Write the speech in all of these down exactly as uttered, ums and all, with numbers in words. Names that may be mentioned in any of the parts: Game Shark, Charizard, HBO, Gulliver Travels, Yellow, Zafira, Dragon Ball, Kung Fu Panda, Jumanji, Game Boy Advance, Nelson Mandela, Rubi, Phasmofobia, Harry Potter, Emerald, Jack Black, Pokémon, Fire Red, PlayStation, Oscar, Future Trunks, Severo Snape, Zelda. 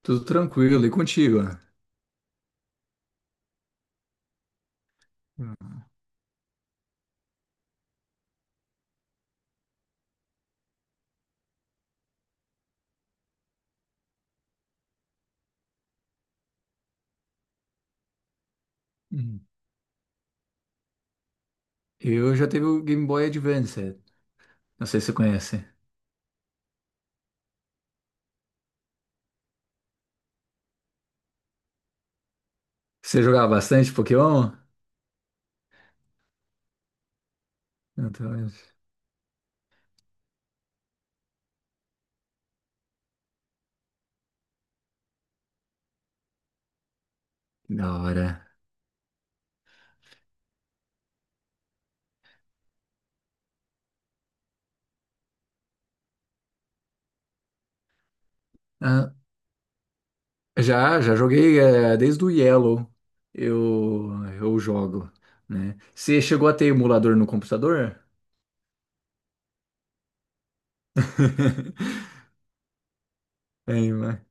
Tudo tranquilo, e contigo, né? Hum. Eu já teve o Game Boy Advance, não sei se você conhece. Você jogava bastante Pokémon? Então, que da hora. Ah, já, já joguei eh, desde o Yellow, eu, eu jogo, né? Você chegou a ter emulador no computador? Tem, né?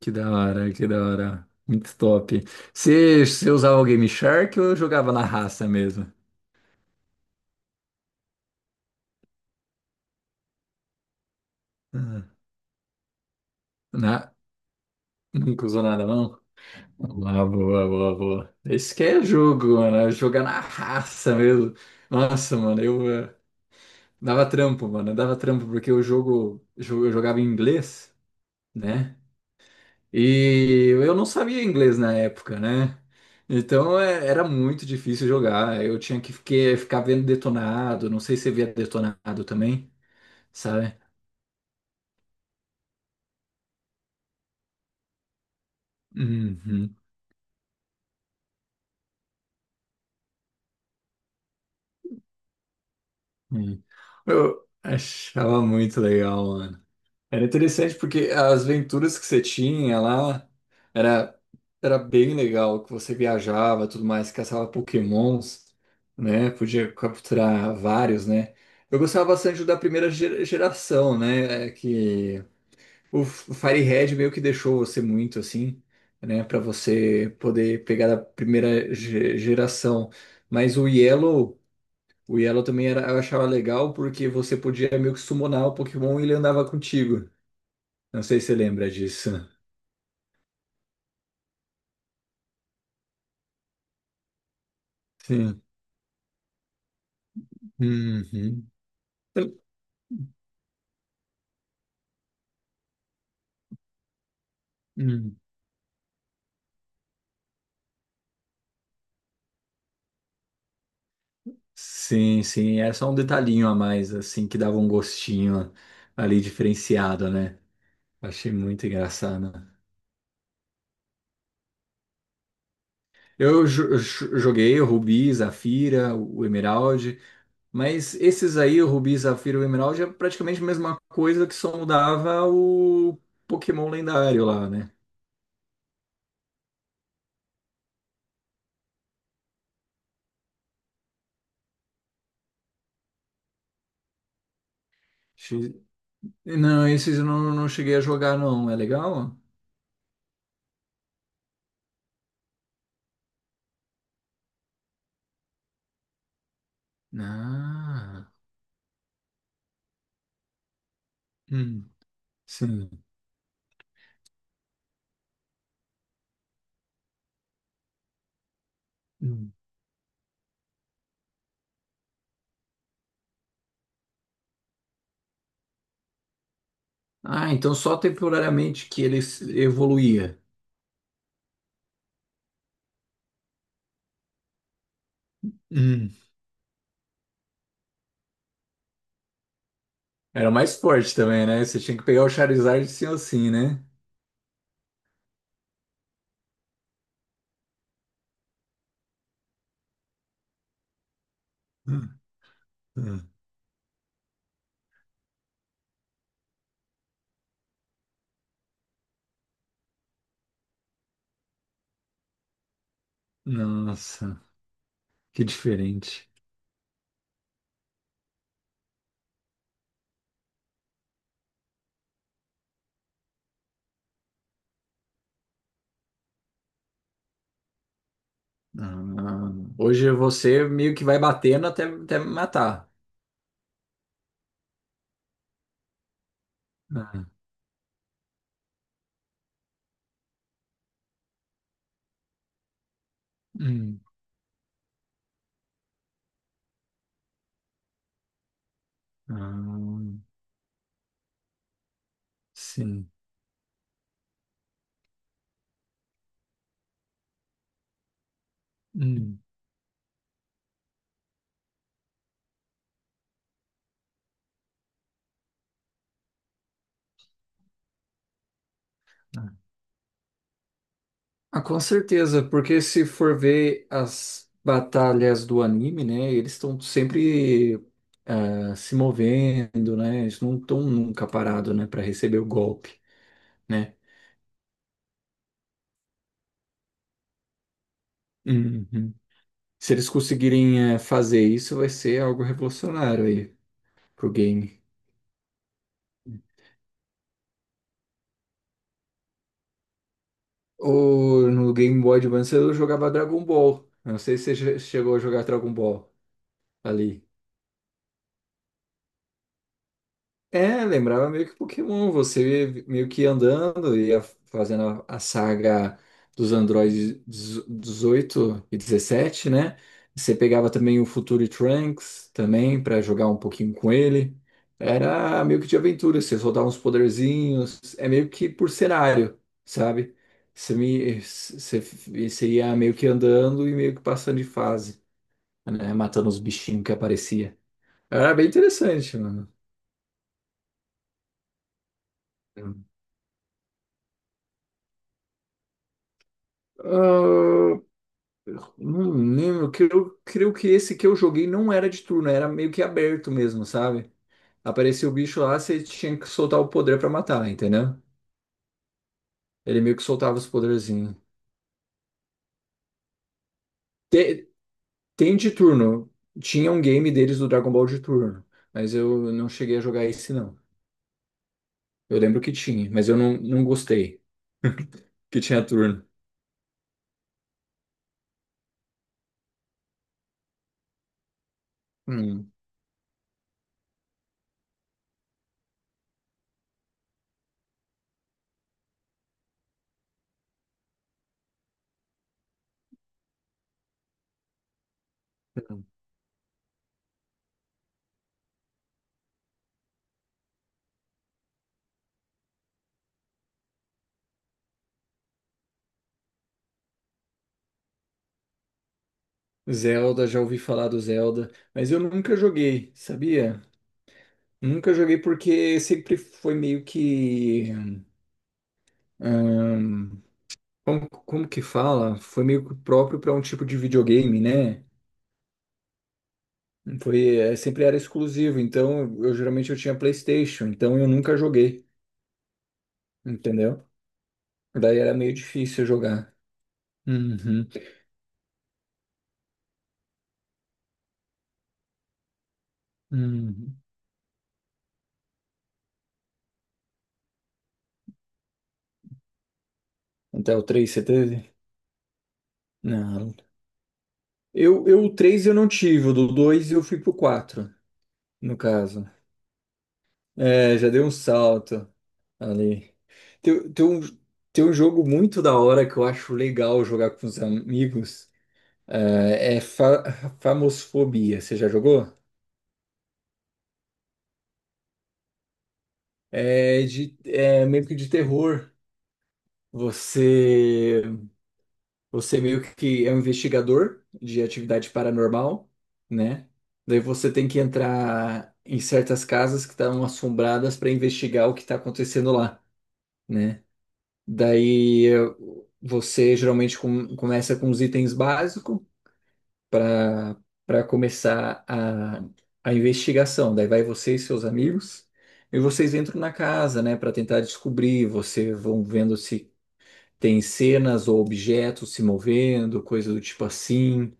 Que da hora, que da hora. Muito top. Você, você usava o Game Shark ou jogava na raça mesmo? Ah, Na, nunca usou nada, não? Boa, boa, boa, boa. Esse que é jogo, mano. É jogar na raça mesmo. Nossa, mano, eu eh, dava trampo, mano. Eu Dava trampo porque o jogo, jo- eu jogava em inglês, né? E eu não sabia inglês na época, né? Então eh, era muito difícil jogar. Eu tinha que fique- ficar vendo detonado. Não sei se você via detonado também, sabe? Uhum, uhum. Eu achava muito legal, mano. Era interessante porque as aventuras que você tinha lá era, era bem legal, que você viajava, tudo mais, caçava Pokémons, né? Podia capturar vários, né? Eu gostava bastante da primeira ge- geração, né? É que o F- Fire Red meio que deixou você muito assim, né? Para você poder pegar da primeira ge- geração. Mas o Yellow, o Yellow também era, eu achava legal porque você podia meio que summonar o Pokémon e ele andava contigo. Não sei se você lembra disso. Sim. Uhum. Hum. Sim, sim. É só um detalhinho a mais, assim, que dava um gostinho ali diferenciado, né? Achei muito engraçado. Eu jo- jo- joguei o Rubi, Zafira, o Emerald, mas esses aí, o Rubi, Zafira e o Emerald, é praticamente a mesma coisa que só mudava o Pokémon lendário lá, né? Achei. Não, esses eu não, não cheguei a jogar, não. É legal? Ah. Sim. Hum. Ah, então só temporariamente que ele se- evoluía. Hum. Era mais forte também, né? Você tinha que pegar o Charizard sim ou sim, né? Hum, hum. Nossa, que diferente. Ah, hoje você meio que vai batendo até, até me matar. Ah, Hum. Ah, sim. Hum. Ah, com certeza, porque se for ver as batalhas do anime, né, eles estão sempre ah, se movendo, né, eles não estão nunca parados, né, para receber o golpe, né. Uhum. Se eles conseguirem eh, fazer isso, vai ser algo revolucionário aí pro game. Ou no Game Boy Advance eu jogava Dragon Ball. Eu não sei se você che- chegou a jogar Dragon Ball ali. É, lembrava meio que Pokémon, você meio que andando, ia fazendo a a saga dos androides dezoito e dezessete, né? Você pegava também o Future Trunks também para jogar um pouquinho com ele. Era meio que de aventura, você soltava uns poderzinhos, é meio que por cenário, sabe? Você, me, você, você ia meio que andando e meio que passando de fase, né? Matando os bichinhos que aparecia. Era bem interessante, mano. Ah, não lembro, que eu creio que esse que eu joguei não era de turno, era meio que aberto mesmo, sabe? Aparecia o bicho lá, você tinha que soltar o poder pra matar, entendeu? Ele meio que soltava os poderzinhos. Te- Tem, de turno, tinha um game deles do Dragon Ball de turno, mas eu não cheguei a jogar esse não. Eu lembro que tinha, mas eu não, não gostei que tinha turno. Hum. Zelda, já ouvi falar do Zelda, mas eu nunca joguei, sabia? Nunca joguei porque sempre foi meio que ahn, como, como que fala? Foi meio que próprio para um tipo de videogame, né? Foi, é, sempre era exclusivo, então eu geralmente eu tinha PlayStation, então eu nunca joguei, entendeu? Daí era meio difícil jogar. Uhum, uhum. Até o três você teve? Não. Eu, eu, o três eu não tive, o do dois eu fui pro quatro no caso. É, já deu um salto ali. Tem, tem um, tem um jogo muito da hora que eu acho legal jogar com os amigos. Ah, é fa Famosfobia, você já jogou? É, de, é meio que de terror. Você, você meio que é um investigador de atividade paranormal, né? Daí você tem que entrar em certas casas que estão assombradas para investigar o que está acontecendo lá, né? Daí eh, você geralmente com- começa com os itens básicos. para Para começar a, a investigação. Daí vai você e seus amigos, e vocês entram na casa, né, para tentar descobrir. Você vão vendo se tem cenas ou objetos se movendo, coisa do tipo assim,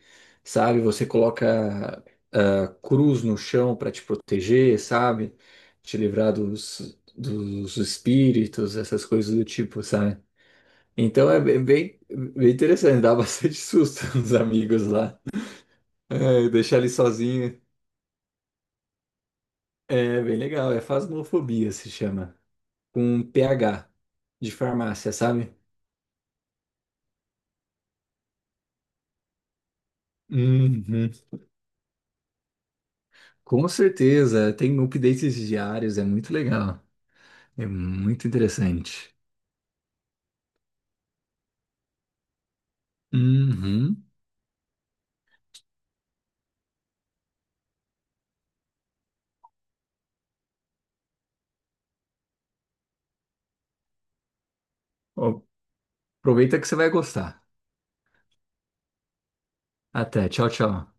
sabe? Você coloca ah, cruz no chão para te proteger, sabe? Te livrar dos, dos espíritos, essas coisas do tipo, sabe? Então é bem, bem bem interessante, dá bastante susto nos amigos lá. É, deixar ele sozinho. É bem legal, é Phasmofobia se chama. Com P H de farmácia, sabe? Uhum. Com certeza, tem updates diários, é muito legal. É muito interessante. Uhum. Ó, aproveita que você vai gostar. Até, tchau, tchau.